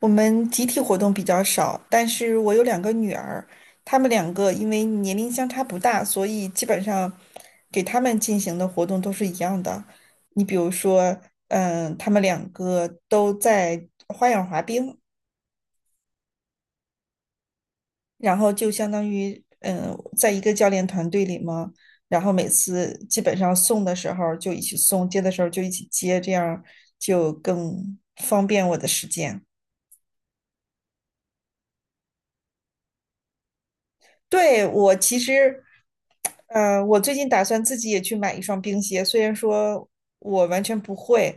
我们集体活动比较少，但是我有2个女儿，她们两个因为年龄相差不大，所以基本上给她们进行的活动都是一样的。你比如说，她们两个都在花样滑冰，然后就相当于在1个教练团队里嘛，然后每次基本上送的时候就一起送，接的时候就一起接，这样就更方便我的时间。对，我其实。我最近打算自己也去买1双冰鞋，虽然说我完全不会，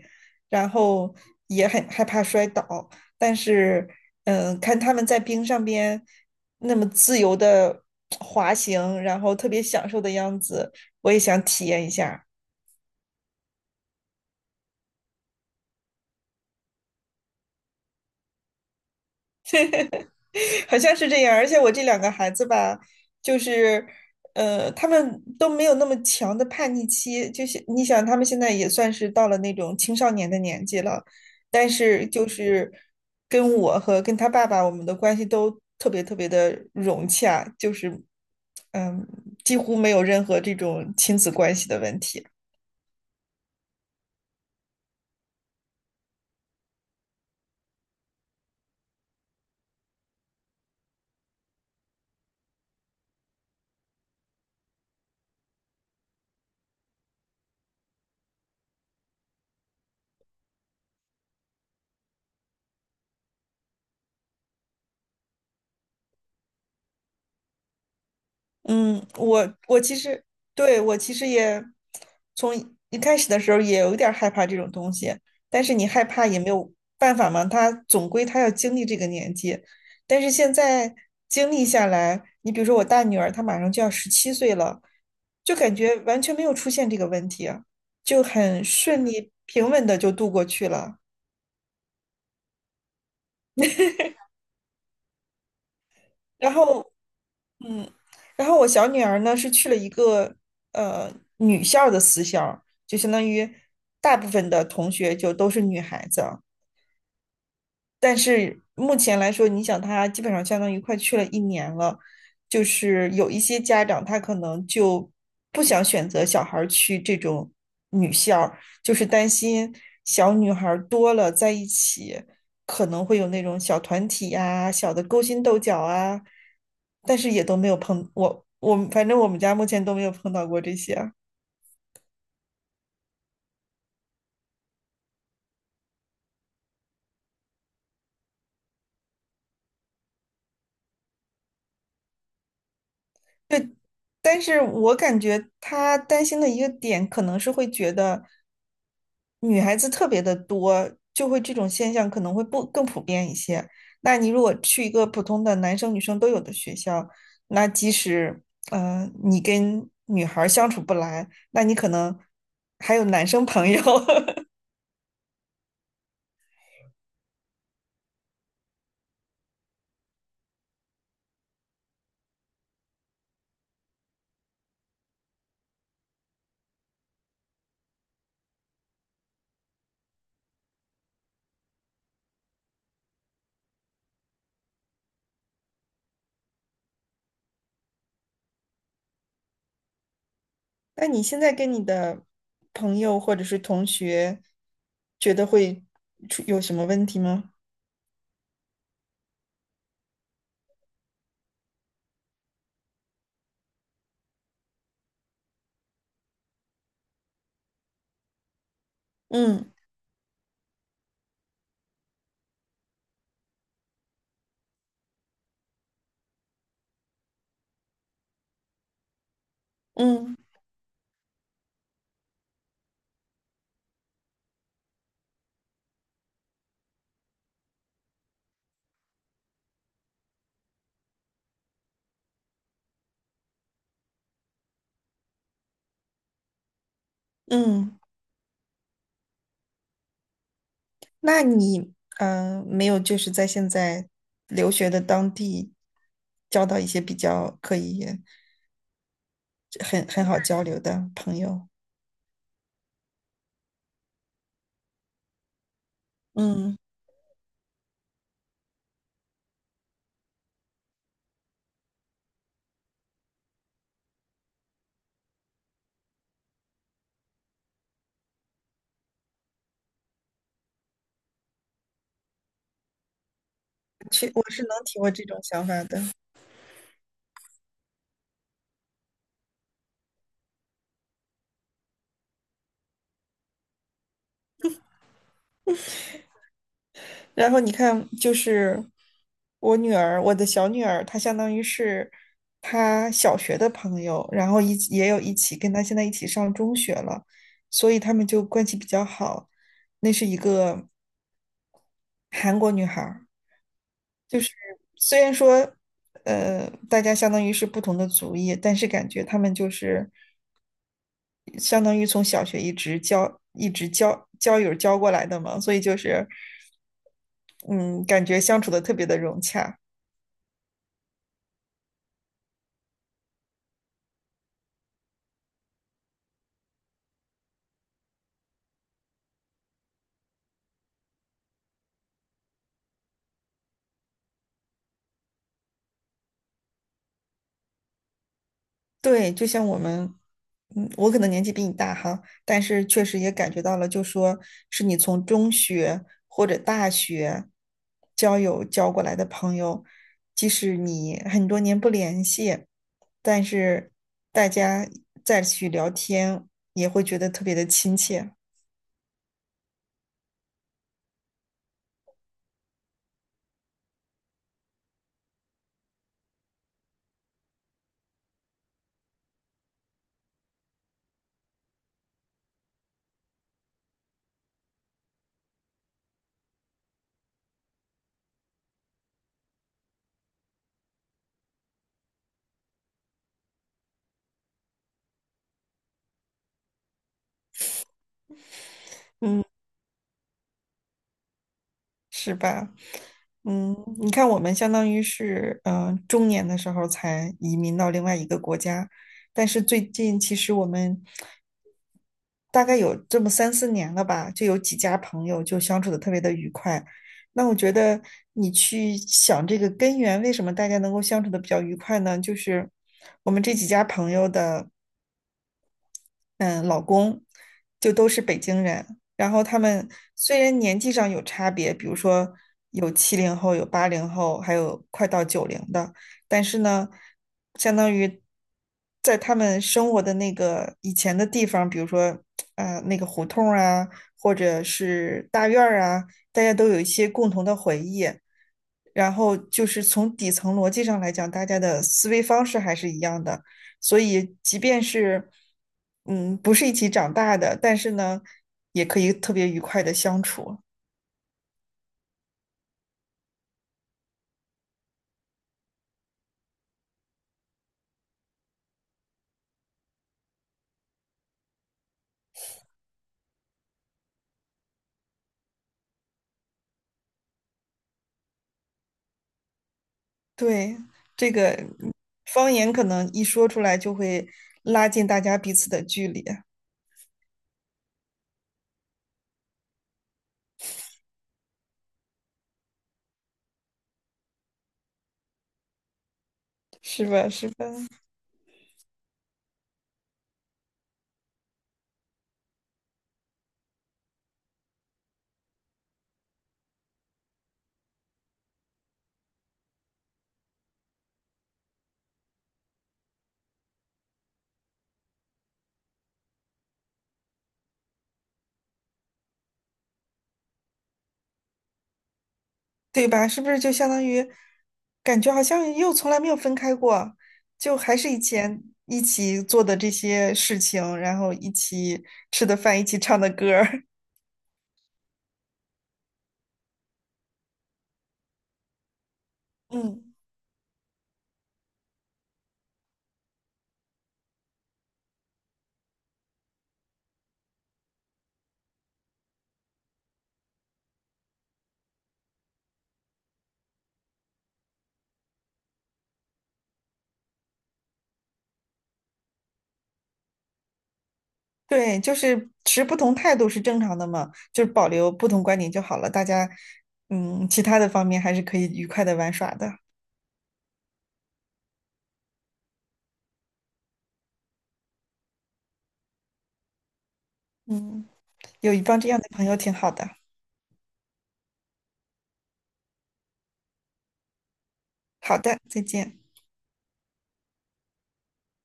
然后也很害怕摔倒，但是，看他们在冰上边那么自由的滑行，然后特别享受的样子，我也想体验一下。好像是这样，而且我这2个孩子吧，就是，他们都没有那么强的叛逆期，就是你想，他们现在也算是到了那种青少年的年纪了，但是就是跟我和跟他爸爸，我们的关系都特别特别的融洽，就是，嗯，几乎没有任何这种亲子关系的问题。嗯，我其实对我其实也从一开始的时候也有点儿害怕这种东西，但是你害怕也没有办法嘛，他总归他要经历这个年纪，但是现在经历下来，你比如说我大女儿，她马上就要17岁了，就感觉完全没有出现这个问题啊，就很顺利平稳的就度过去了。然后嗯，然后我小女儿呢是去了一个呃女校的私校，就相当于大部分的同学就都是女孩子，但是目前来说，你想他基本上相当于快去了1年了，就是有一些家长他可能就不想选择小孩儿去这种女校儿就是担心小女孩儿多了在一起可能会有那种小团体呀、小的勾心斗角啊，但是也都没有碰我反正我们家目前都没有碰到过这些啊。对，但是我感觉他担心的一个点，可能是会觉得女孩子特别的多，就会这种现象可能会不更普遍一些。那你如果去1个普通的男生女生都有的学校，那即使你跟女孩儿相处不来，那你可能还有男生朋友。那你现在跟你的朋友或者是同学，觉得会出有什么问题吗？嗯嗯嗯。那你没有就是在现在留学的当地交到一些比较可以很好交流的朋友？嗯，去，我是能体会这种想法的。然后你看，就是我女儿，我的小女儿，她相当于是她小学的朋友，然后一起也有一起跟她现在一起上中学了，所以他们就关系比较好。那是1个韩国女孩儿。就是虽然说，大家相当于是不同的族裔，但是感觉他们就是相当于从小学一直交友交过来的嘛，所以就是，嗯，感觉相处的特别的融洽。对，就像我们，我可能年纪比你大哈，但是确实也感觉到了，就说是你从中学或者大学交友交过来的朋友，即使你很多年不联系，但是大家再去聊天，也会觉得特别的亲切。是吧？你看，我们相当于是，中年的时候才移民到另外一个国家，但是最近其实我们大概有这么3、4年了吧，就有几家朋友就相处的特别的愉快。那我觉得你去想这个根源，为什么大家能够相处的比较愉快呢？就是我们这几家朋友的。嗯老公，就都是北京人。然后他们虽然年纪上有差别，比如说有70后、有80后，还有快到90的，但是呢，相当于在他们生活的那个以前的地方，比如说那个胡同啊，或者是大院儿啊，大家都有一些共同的回忆。然后就是从底层逻辑上来讲，大家的思维方式还是一样的，所以即便是不是一起长大的，但是呢，也可以特别愉快的相处。对，这个方言可能一说出来就会拉近大家彼此的距离，是吧？是吧？对吧？是不是就相当于感觉好像又从来没有分开过，就还是以前一起做的这些事情，然后一起吃的饭，一起唱的歌儿，嗯。对，就是持不同态度是正常的嘛，就是保留不同观点就好了。大家，其他的方面还是可以愉快的玩耍的。嗯，有一帮这样的朋友挺好的。好的，再见。